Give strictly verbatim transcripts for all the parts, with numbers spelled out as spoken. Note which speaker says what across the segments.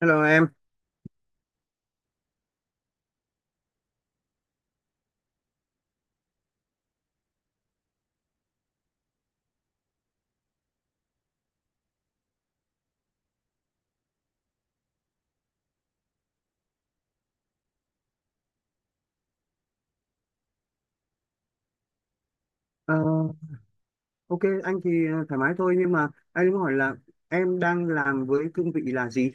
Speaker 1: Hello em. Ờ, ok anh thì ờ, thoải mái thôi, nhưng mà anh muốn hỏi là em đang làm với cương vị là gì?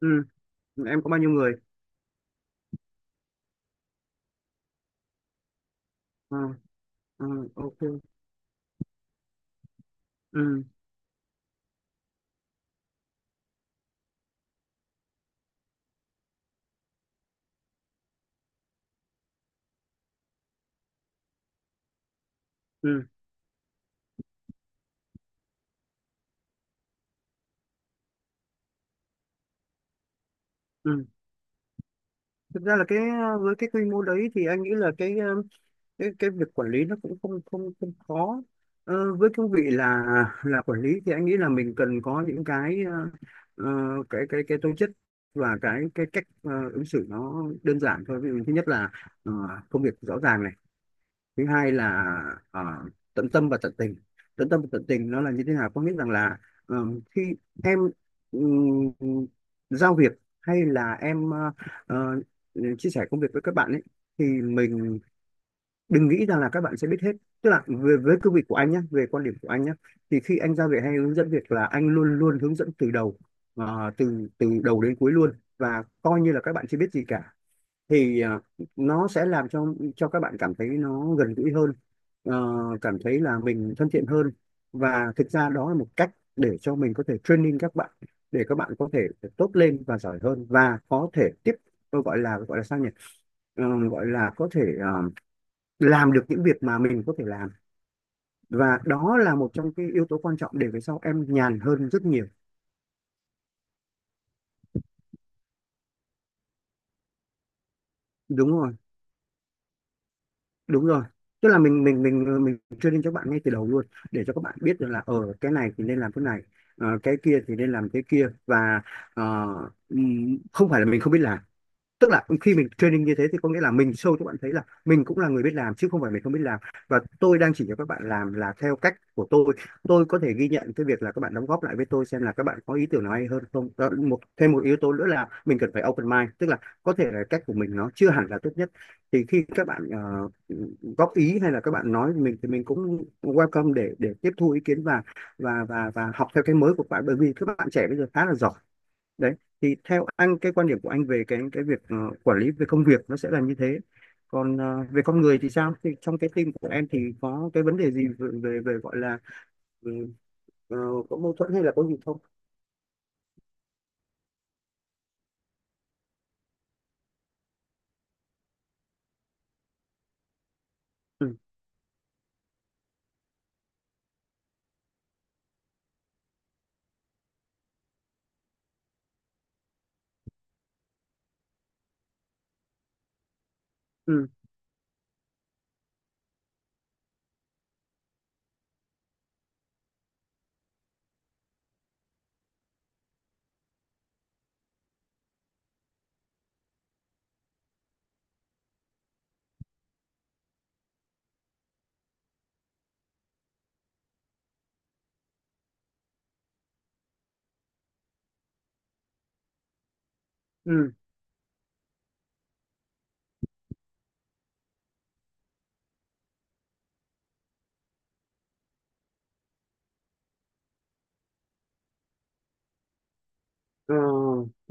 Speaker 1: Ừ, em có bao nhiêu người? Ờ, ờ, ok, ừ, ừ, ừ. Thực ra là cái ờ, với cái quy mô đấy thì anh nghĩ là cái ờ, cái cái việc quản lý nó cũng không không không khó. Ờ, với cương vị là là quản lý thì anh nghĩ là mình cần có những cái ờ, ờ, cái cái cái tố chất và cái cái cách ờ, ứng xử nó đơn giản thôi. Ví dụ thứ nhất là ờ, công việc rõ ràng này, thứ hai là ờ, tận tâm và tận tình. Tận tâm và tận tình nó là như thế nào, có nghĩa rằng là ờ, khi em ừm, giao việc hay là em ờ, ờ, chia sẻ công việc với các bạn ấy, thì mình đừng nghĩ rằng là các bạn sẽ biết hết. Tức là về với cương vị của anh nhé, về quan điểm của anh nhé, thì khi anh giao việc hay hướng dẫn việc là anh luôn luôn hướng dẫn từ đầu, ờ, từ từ đầu đến cuối luôn, và coi như là các bạn chưa biết gì cả. Thì à, nó sẽ làm cho cho các bạn cảm thấy nó gần gũi hơn, ờ, cảm thấy là mình thân thiện hơn, và thực ra đó là một cách để cho mình có thể training các bạn, để các bạn có thể tốt lên và giỏi hơn, và có thể tiếp, tôi gọi là gọi là sao nhỉ, Ờ, gọi là có thể ờ, làm được những việc mà mình có thể làm. Và đó là một trong cái yếu tố quan trọng để về sau em nhàn hơn rất nhiều. Đúng rồi, đúng rồi, tức là mình mình mình mình training cho các bạn ngay từ đầu luôn, để cho các bạn biết được là ở cái này thì nên làm cái này, ờ, cái kia thì nên làm cái kia, và ờ, ừm, không phải là mình không biết làm. Tức là khi mình training như thế thì có nghĩa là mình show cho bạn thấy là mình cũng là người biết làm, chứ không phải mình không biết làm, và tôi đang chỉ cho các bạn làm là theo cách của tôi. Tôi có thể ghi nhận cái việc là các bạn đóng góp lại với tôi, xem là các bạn có ý tưởng nào hay hơn không. Đó, một thêm một yếu tố nữa là mình cần phải open mind, tức là có thể là cách của mình nó chưa hẳn là tốt nhất, thì khi các bạn ờ, góp ý hay là các bạn nói mình, thì mình cũng welcome để để tiếp thu ý kiến, và và và và học theo cái mới của các bạn, bởi vì các bạn trẻ bây giờ khá là giỏi. Đấy, thì theo anh, cái quan điểm của anh về cái cái việc ờ, quản lý về công việc nó sẽ là như thế. Còn ờ, về con người thì sao, thì trong cái team của em thì có cái vấn đề gì về về, về gọi là, ừ, ờ, có mâu thuẫn hay là có gì không? ừ ừ ừ Ờ,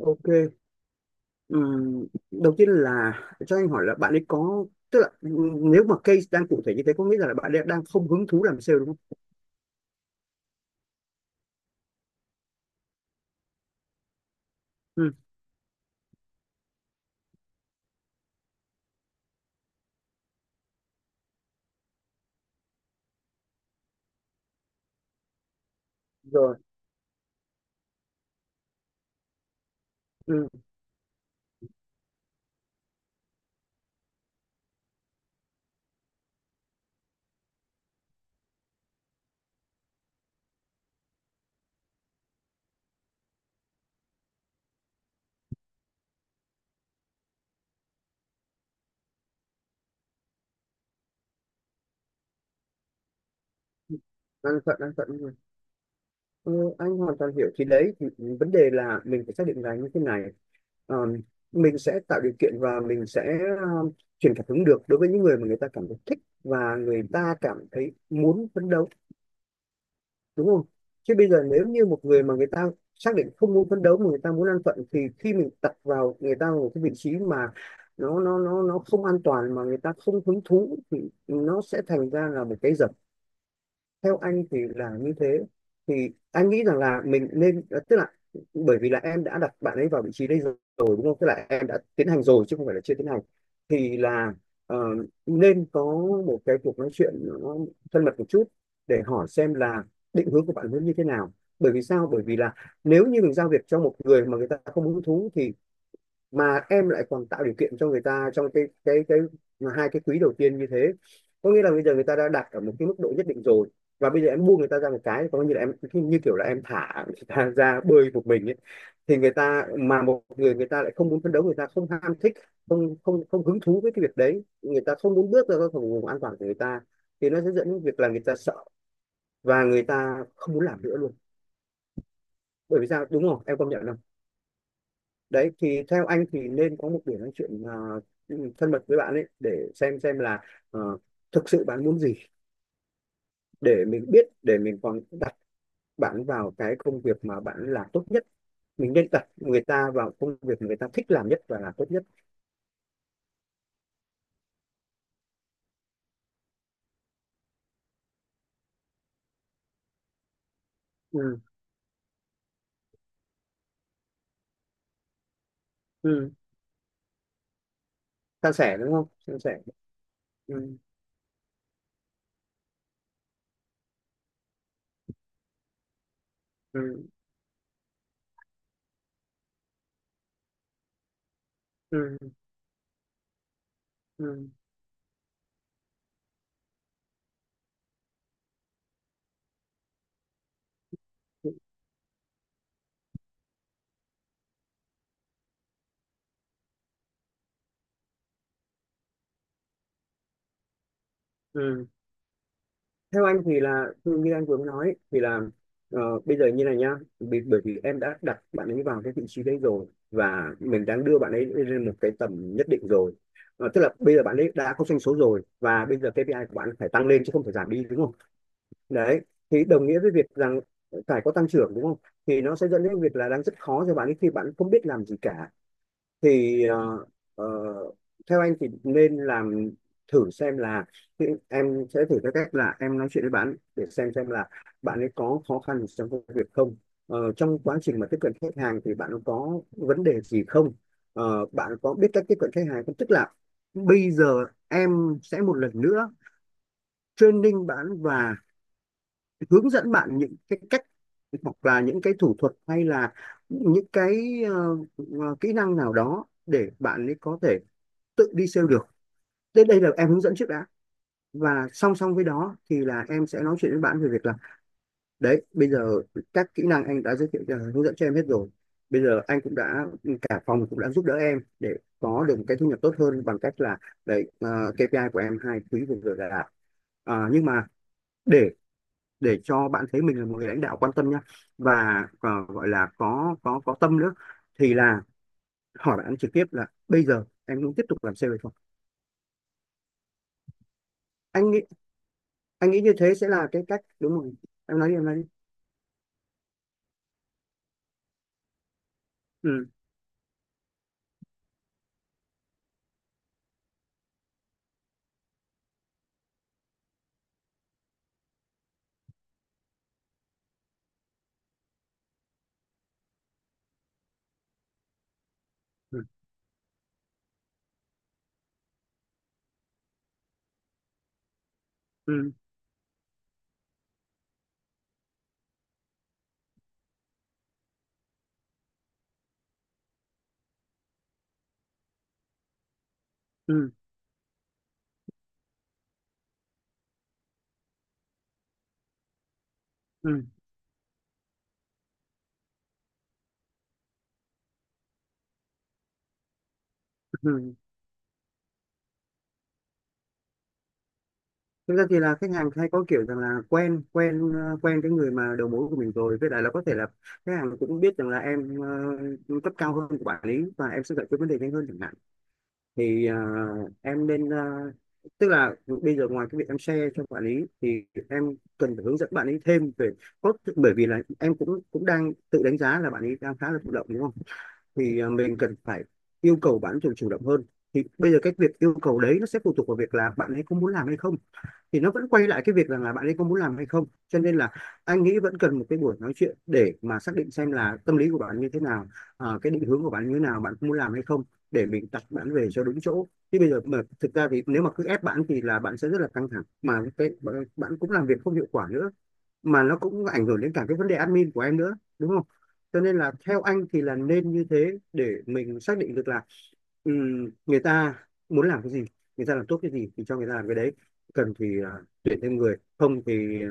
Speaker 1: ok. Ừ, đầu tiên là cho anh hỏi là bạn ấy có, tức là ừ, nếu mà case đang cụ thể như thế có nghĩa là bạn ấy đang không hứng thú làm sale, đúng không? ừ Rồi. ừ Đang thuận, đang thuận. Ừ, anh hoàn toàn hiểu. Thì đấy, thì vấn đề là mình phải xác định là như thế này. Ờm, mình sẽ tạo điều kiện và mình sẽ um, truyền cảm hứng được đối với những người mà người ta cảm thấy thích và người ta cảm thấy muốn phấn đấu, đúng không? Chứ bây giờ nếu như một người mà người ta xác định không muốn phấn đấu mà người ta muốn an phận, thì khi mình đặt vào người ta một cái vị trí mà nó nó nó nó không an toàn mà người ta không hứng thú, thì nó sẽ thành ra là một cái, theo anh thì là như thế. Thì anh nghĩ rằng là mình nên, tức là bởi vì là em đã đặt bạn ấy vào vị trí đây rồi, đúng không, tức là em đã tiến hành rồi chứ không phải là chưa tiến hành, thì là ờ, nên có một cái cuộc nói chuyện nó thân mật một chút, để hỏi xem là định hướng của bạn ấy như thế nào. Bởi vì sao, bởi vì là nếu như mình giao việc cho một người mà người ta không hứng thú, thì mà em lại còn tạo điều kiện cho người ta trong cái cái cái mà hai cái quý đầu tiên như thế, có nghĩa là bây giờ người ta đã đặt ở một cái mức độ nhất định rồi, và bây giờ em buông người ta ra một cái, có như là em, như kiểu là em thả người ta ra bơi một mình ấy, thì người ta mà một người người ta lại không muốn phấn đấu, người ta không ham thích, không không không hứng thú với cái việc đấy, người ta không muốn bước ra khỏi vùng an toàn của người ta, thì nó sẽ dẫn đến việc là người ta sợ và người ta không muốn làm nữa luôn. Bởi vì sao, đúng không, em công nhận không? Đấy, thì theo anh thì nên có một buổi nói chuyện à, thân mật với bạn ấy để xem xem là ờ, thực sự bạn muốn gì, để mình biết để mình còn đặt bạn vào cái công việc mà bạn làm tốt nhất. Mình nên đặt người ta vào công việc người ta thích làm nhất và làm tốt nhất. ừ ừ San sẻ, đúng không, san sẻ. ừ ừ ừ ừ ừ, ừ. Theo anh thì là như anh vừa mới nói ấy, thì là ờ, bây giờ như này nhá. Bị- bởi vì em đã đặt bạn ấy vào cái vị trí đấy rồi, và mình đang đưa bạn ấy lên một cái tầm nhất định rồi. Ờ, tức là bây giờ bạn ấy đã có doanh số rồi, và bây giờ ca pê i của bạn phải tăng lên chứ không phải giảm đi, đúng không? Đấy, thì đồng nghĩa với việc rằng phải có tăng trưởng, đúng không? Thì nó sẽ dẫn đến việc là đang rất khó cho bạn ấy khi bạn không biết làm gì cả. Thì ờ, ờ, theo anh thì nên làm, thử xem là, thì em sẽ thử theo cách là em nói chuyện với bạn để xem xem là bạn ấy có khó khăn gì trong công việc không. Ờ, trong quá trình mà tiếp cận khách hàng thì bạn có vấn đề gì không. Ờ, bạn có biết cách tiếp cận khách hàng không, tức là bây giờ em sẽ một lần nữa training bạn và hướng dẫn bạn những cái cách, hoặc là những cái thủ thuật, hay là những cái ờ, ờ, kỹ năng nào đó để bạn ấy có thể tự đi sale được. Đến đây là em hướng dẫn trước đã. Và song song với đó thì là em sẽ nói chuyện với bạn về việc là, đấy, bây giờ các kỹ năng anh đã giới thiệu cho, hướng dẫn cho em hết rồi, bây giờ anh cũng đã, cả phòng cũng đã giúp đỡ em để có được một cái thu nhập tốt hơn bằng cách là, đấy, ờ, ca pê i của em hai quý vừa rồi là đạt. Ờ, nhưng mà để để cho bạn thấy mình là một người lãnh đạo quan tâm nhá, và ờ, gọi là có có có tâm nữa, thì là hỏi bạn trực tiếp là bây giờ em muốn tiếp tục làm sale hay không. anh nghĩ anh nghĩ như thế sẽ là cái cách đúng rồi. Em nói đi, em nói đi. ừ ừ ừ ừ ừ ừ. Thực ra thì là khách hàng hay có kiểu rằng là quen quen ờ, quen cái người mà đầu mối của mình rồi, với lại là có thể là khách hàng cũng biết rằng là em ờ, cấp cao hơn của quản lý và em sẽ giải quyết vấn đề nhanh hơn chẳng hạn. Thì ờ, em nên, ờ, tức là bây giờ ngoài cái việc em share cho quản lý thì em cần phải hướng dẫn bạn ấy thêm về cốt, bởi vì là em cũng cũng đang tự đánh giá là bạn ấy đang khá là thụ động, đúng không? Thì à, mình cần phải yêu cầu bạn chủ chủ động hơn. Thì bây giờ cái việc yêu cầu đấy nó sẽ phụ thuộc vào việc là bạn ấy có muốn làm hay không, thì nó vẫn quay lại cái việc rằng là bạn ấy có muốn làm hay không. Cho nên là anh nghĩ vẫn cần một cái buổi nói chuyện để mà xác định xem là tâm lý của bạn như thế nào, à, cái định hướng của bạn như thế nào, bạn có muốn làm hay không, để mình đặt bạn về cho đúng chỗ. Chứ bây giờ mà thực ra thì nếu mà cứ ép bạn thì là bạn sẽ rất là căng thẳng, mà cái bạn cũng làm việc không hiệu quả nữa, mà nó cũng ảnh hưởng đến cả cái vấn đề admin của em nữa, đúng không? Cho nên là theo anh thì là nên như thế, để mình xác định được là ừm, người ta muốn làm cái gì, người ta làm tốt cái gì thì cho người ta làm cái đấy. Cần thì à, tuyển thêm người, không thì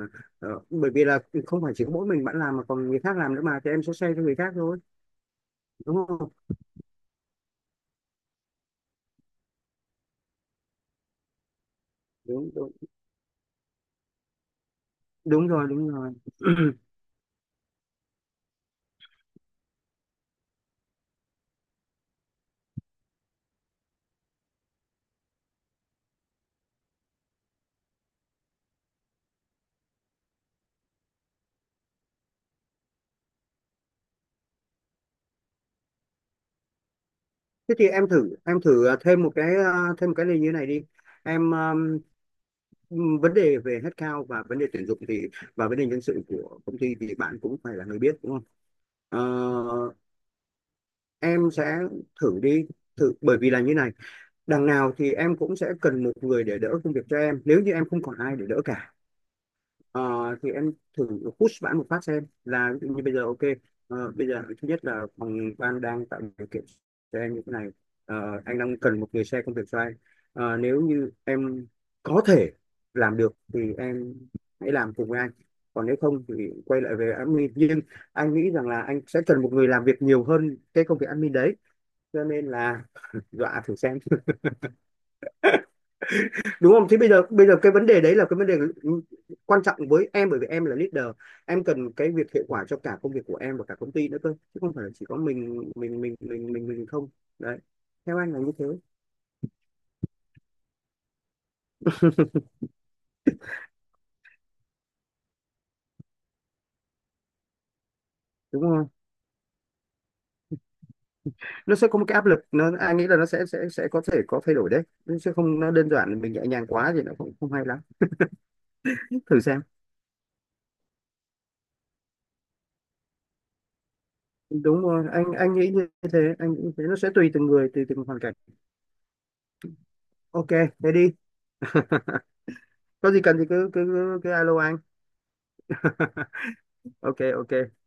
Speaker 1: à, bởi vì là không phải chỉ có mỗi mình bạn làm mà còn người khác làm nữa, mà thì em sẽ say cho người khác thôi, đúng không? Đúng đúng, Đúng rồi, đúng rồi. Thế thì em thử, em thử à, thêm một cái, à, thêm một cái này như thế này đi. Em, à, vấn đề về headcount và vấn đề tuyển dụng thì và vấn đề nhân sự của công ty thì bạn cũng phải là người biết, đúng không? Ờ, em sẽ thử đi, thử bởi vì là như này, đằng nào thì em cũng sẽ cần một người để đỡ công việc cho em nếu như em không còn ai để đỡ cả. Ờ, thì em thử push bạn một phát xem. Là ví dụ như bây giờ ok, ờ, bây giờ thứ nhất là phòng ban đang tạo điều kiện cho em như thế này. Ờ, anh đang cần một người xe công việc cho anh. Ờ, nếu như em có thể làm được thì em hãy làm cùng với anh, còn nếu không thì quay lại về admin, nhưng anh nghĩ rằng là anh sẽ cần một người làm việc nhiều hơn cái công việc admin đấy. Cho nên là dọa thử xem, đúng không? Thế bây giờ bây giờ cái vấn đề đấy là cái vấn đề quan trọng với em, bởi vì em là leader, em cần cái việc hiệu quả cho cả công việc của em và cả công ty nữa cơ, chứ không phải là chỉ có mình mình mình mình mình mình không. Đấy, theo anh là như thế. Đúng không, nó sẽ có một cái áp lực nó, anh nghĩ là nó sẽ sẽ sẽ có thể có thay đổi đấy, nó sẽ không, nó đơn giản, mình nhẹ nhàng quá thì nó cũng không hay lắm. Thử xem. Đúng rồi, anh anh nghĩ như thế, anh nghĩ như thế nó sẽ tùy từng người, tùy từng hoàn cảnh. Ok, thế đi. Có gì cần thì cứ cứ cứ, cứ alo anh. Ok, ok.